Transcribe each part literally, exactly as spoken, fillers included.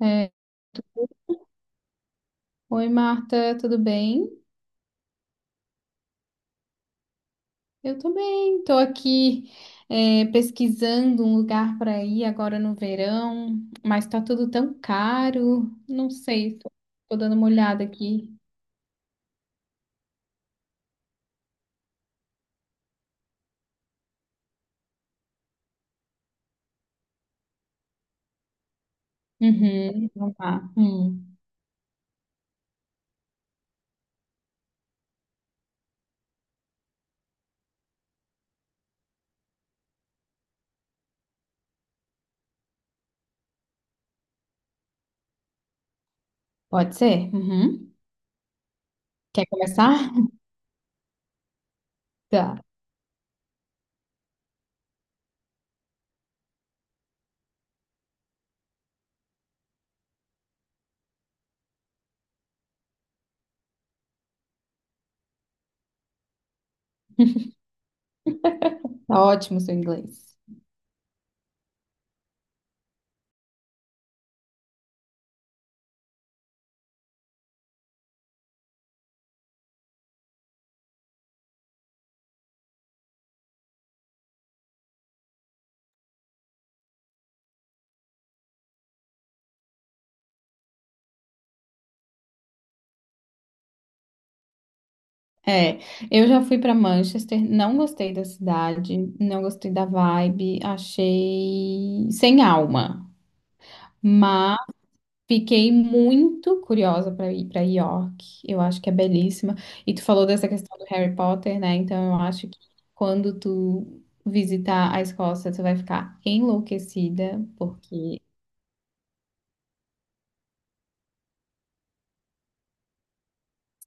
É. Oi, Marta, tudo bem? Eu tô bem, tô aqui é, pesquisando um lugar para ir agora no verão, mas tá tudo tão caro, não sei, tô, tô dando uma olhada aqui. Uhum, vamos lá. Hum, Pode ser? Uhum. Quer começar? Tá, tá ótimo o seu inglês. É, eu já fui para Manchester, não gostei da cidade, não gostei da vibe, achei sem alma. Fiquei muito curiosa para ir para York. Eu acho que é belíssima. E tu falou dessa questão do Harry Potter, né? Então eu acho que quando tu visitar a Escócia, tu vai ficar enlouquecida, porque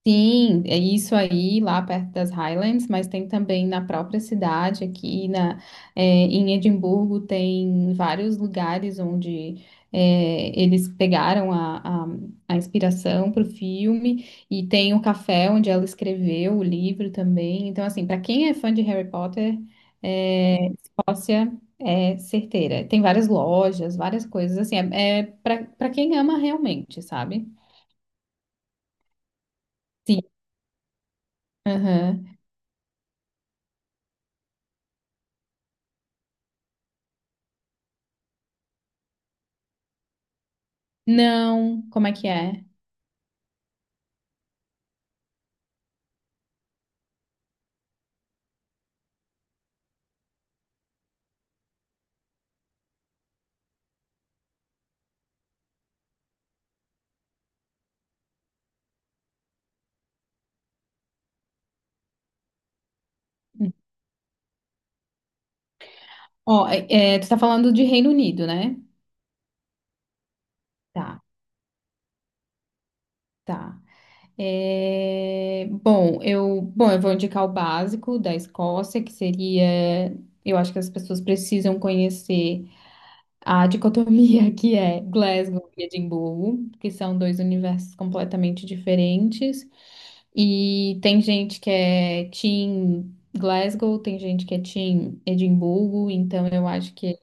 sim, é isso aí, lá perto das Highlands, mas tem também na própria cidade, aqui na, é, em Edimburgo, tem vários lugares onde é, eles pegaram a, a, a inspiração para o filme, e tem o café onde ela escreveu o livro também. Então, assim, para quem é fã de Harry Potter, é, Escócia é certeira. Tem várias lojas, várias coisas, assim, é, é para para quem ama realmente, sabe? Sim. Aham. Não, como é que é? Ó, é, é, tu tá falando de Reino Unido, né? Tá, tá. É, bom, eu, bom, eu vou indicar o básico da Escócia, que seria, eu acho que as pessoas precisam conhecer a dicotomia que é Glasgow e Edimburgo, que são dois universos completamente diferentes. E tem gente que é Team Glasgow, tem gente que é Team Edimburgo, então eu acho que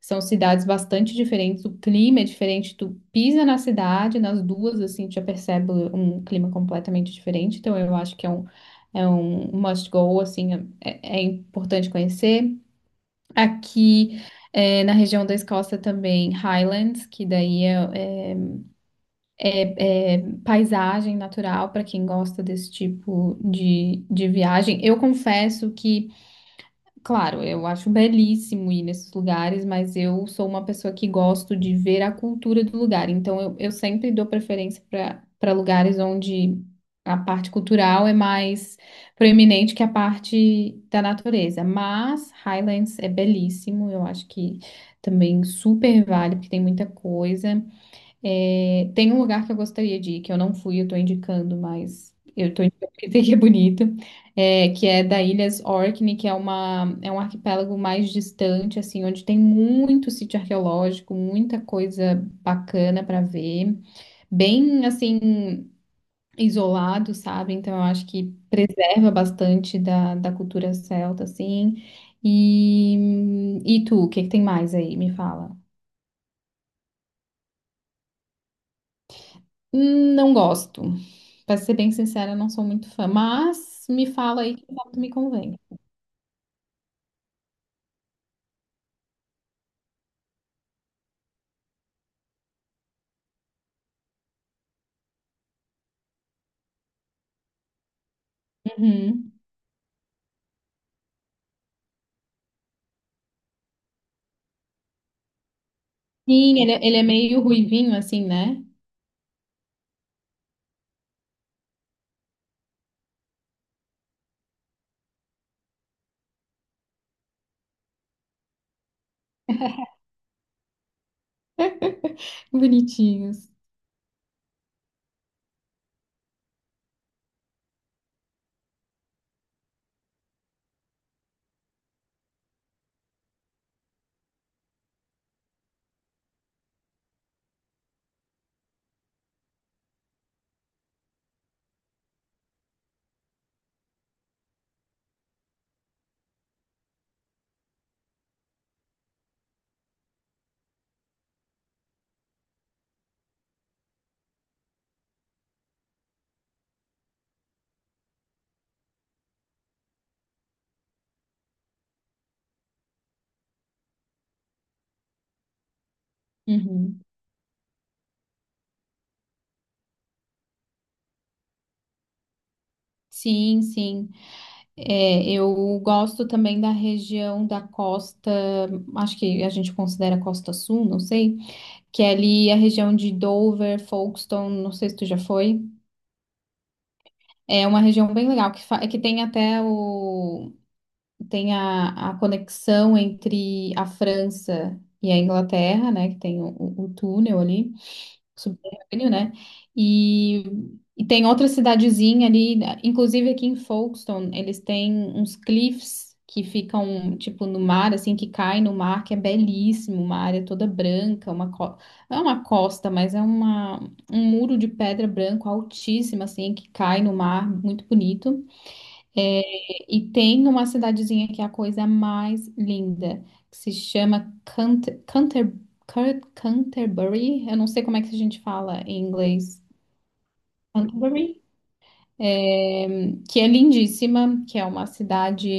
são cidades bastante diferentes, o clima é diferente, tu pisa na cidade, nas duas, assim, tu já percebe um clima completamente diferente, então eu acho que é um, é um must go, assim, é, é importante conhecer. Aqui, eh, na região da Escócia também, Highlands, que daí é, é paisagem natural para quem gosta desse tipo de, de viagem. Eu confesso que claro, eu acho belíssimo ir nesses lugares, mas eu sou uma pessoa que gosto de ver a cultura do lugar. Então, eu, eu sempre dou preferência para para lugares onde a parte cultural é mais proeminente que a parte da natureza. Mas Highlands é belíssimo, eu acho que também super vale, porque tem muita coisa. É, tem um lugar que eu gostaria de ir, que eu não fui, eu tô indicando, mas eu tô indicando porque tem que é bonito, é, que é da Ilhas Orkney, que é uma, é um arquipélago mais distante, assim, onde tem muito sítio arqueológico, muita coisa bacana para ver, bem, assim, isolado, sabe? Então eu acho que preserva bastante da, da cultura celta, assim. E, e tu, o que que tem mais aí? Me fala. Hum, Não gosto. Pra ser bem sincera, não sou muito fã, mas me fala aí que foto me convém. Uhum. Sim, ele, é- ele é meio ruivinho, assim, né? Bonitinhos. Uhum. Sim, sim. É, eu gosto também da região da costa, acho que a gente considera Costa Sul, não sei, que é ali a região de Dover, Folkestone, não sei se tu já foi. É uma região bem legal, que, fa- é que tem até o tem a, a conexão entre a França e a Inglaterra, né? Que tem o, o- o túnel ali, subterrâneo, né? E, e tem outra cidadezinha ali, né, inclusive aqui em Folkestone, eles têm uns cliffs que ficam, tipo, no mar, assim, que cai no mar, que é belíssimo, uma área toda branca, uma co... não é uma costa, mas é uma, um muro de pedra branco altíssima, assim, que cai no mar, muito bonito. É, e tem uma cidadezinha que é a coisa mais linda, que se chama Canter, Canter, Can- Canterbury. Eu não sei como é que a gente fala em inglês. Canterbury. É, que é lindíssima, que é uma cidade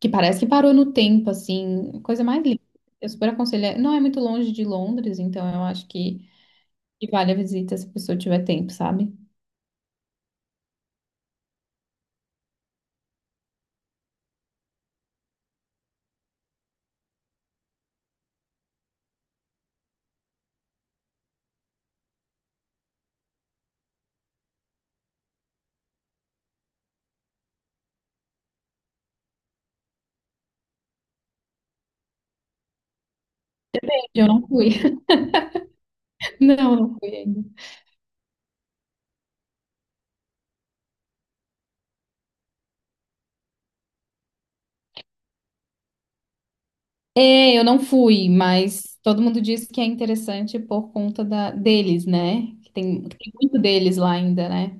que parece que parou no tempo, assim, coisa mais linda. Eu super aconselho. Não é muito longe de Londres, então eu acho que, que vale a visita se a pessoa tiver tempo, sabe? Eu não fui. Não, não fui ainda. É, eu não fui, mas todo mundo diz que é interessante por conta da, deles, né? Que tem, que tem muito deles lá ainda, né?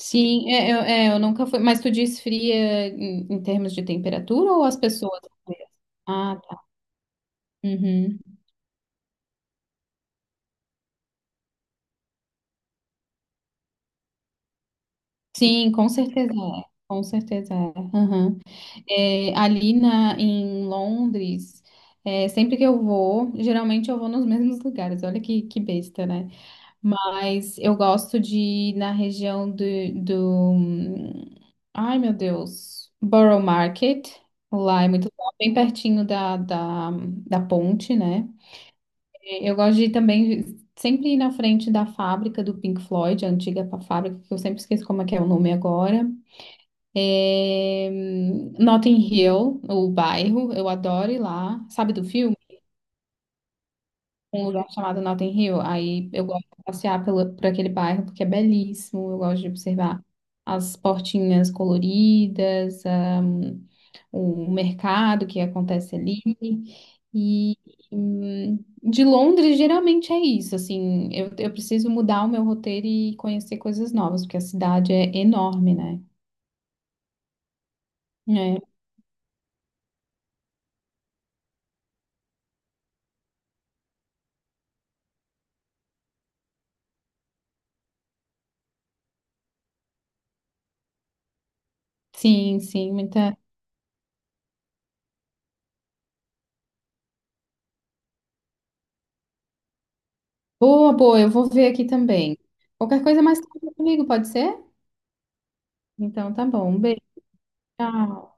Sim, é, eu, é, eu nunca fui. Mas tu diz fria em, em termos de temperatura ou as pessoas? Ah, tá. Uhum. Sim, com certeza é. Com certeza é. Uhum. É, ali na, em Londres, é, sempre que eu vou, geralmente eu vou nos mesmos lugares. Olha que, que besta, né? Mas eu gosto de ir na região do, do... Ai, meu Deus. Borough Market. Lá é muito legal, bem pertinho da, da, da ponte, né? Eu gosto de ir também sempre ir na frente da fábrica do Pink Floyd, a antiga pa- fábrica, que eu sempre esqueço como é que é o nome agora. É... Notting Hill, o bairro, eu adoro ir lá. Sabe do filme? Um lugar chamado Notting Hill. Aí eu gosto de passear pelo, por aquele bairro porque é belíssimo. Eu gosto de observar as portinhas coloridas, ahm, o mercado que acontece ali. E hum, de Londres, geralmente é isso. Assim, eu, eu preciso mudar o meu roteiro e conhecer coisas novas, porque a cidade é enorme, né? É, sim, sim, muita. Boa, boa, eu vou ver aqui também. Qualquer coisa mais conta comigo, pode ser? Então tá bom, um beijo. Tchau.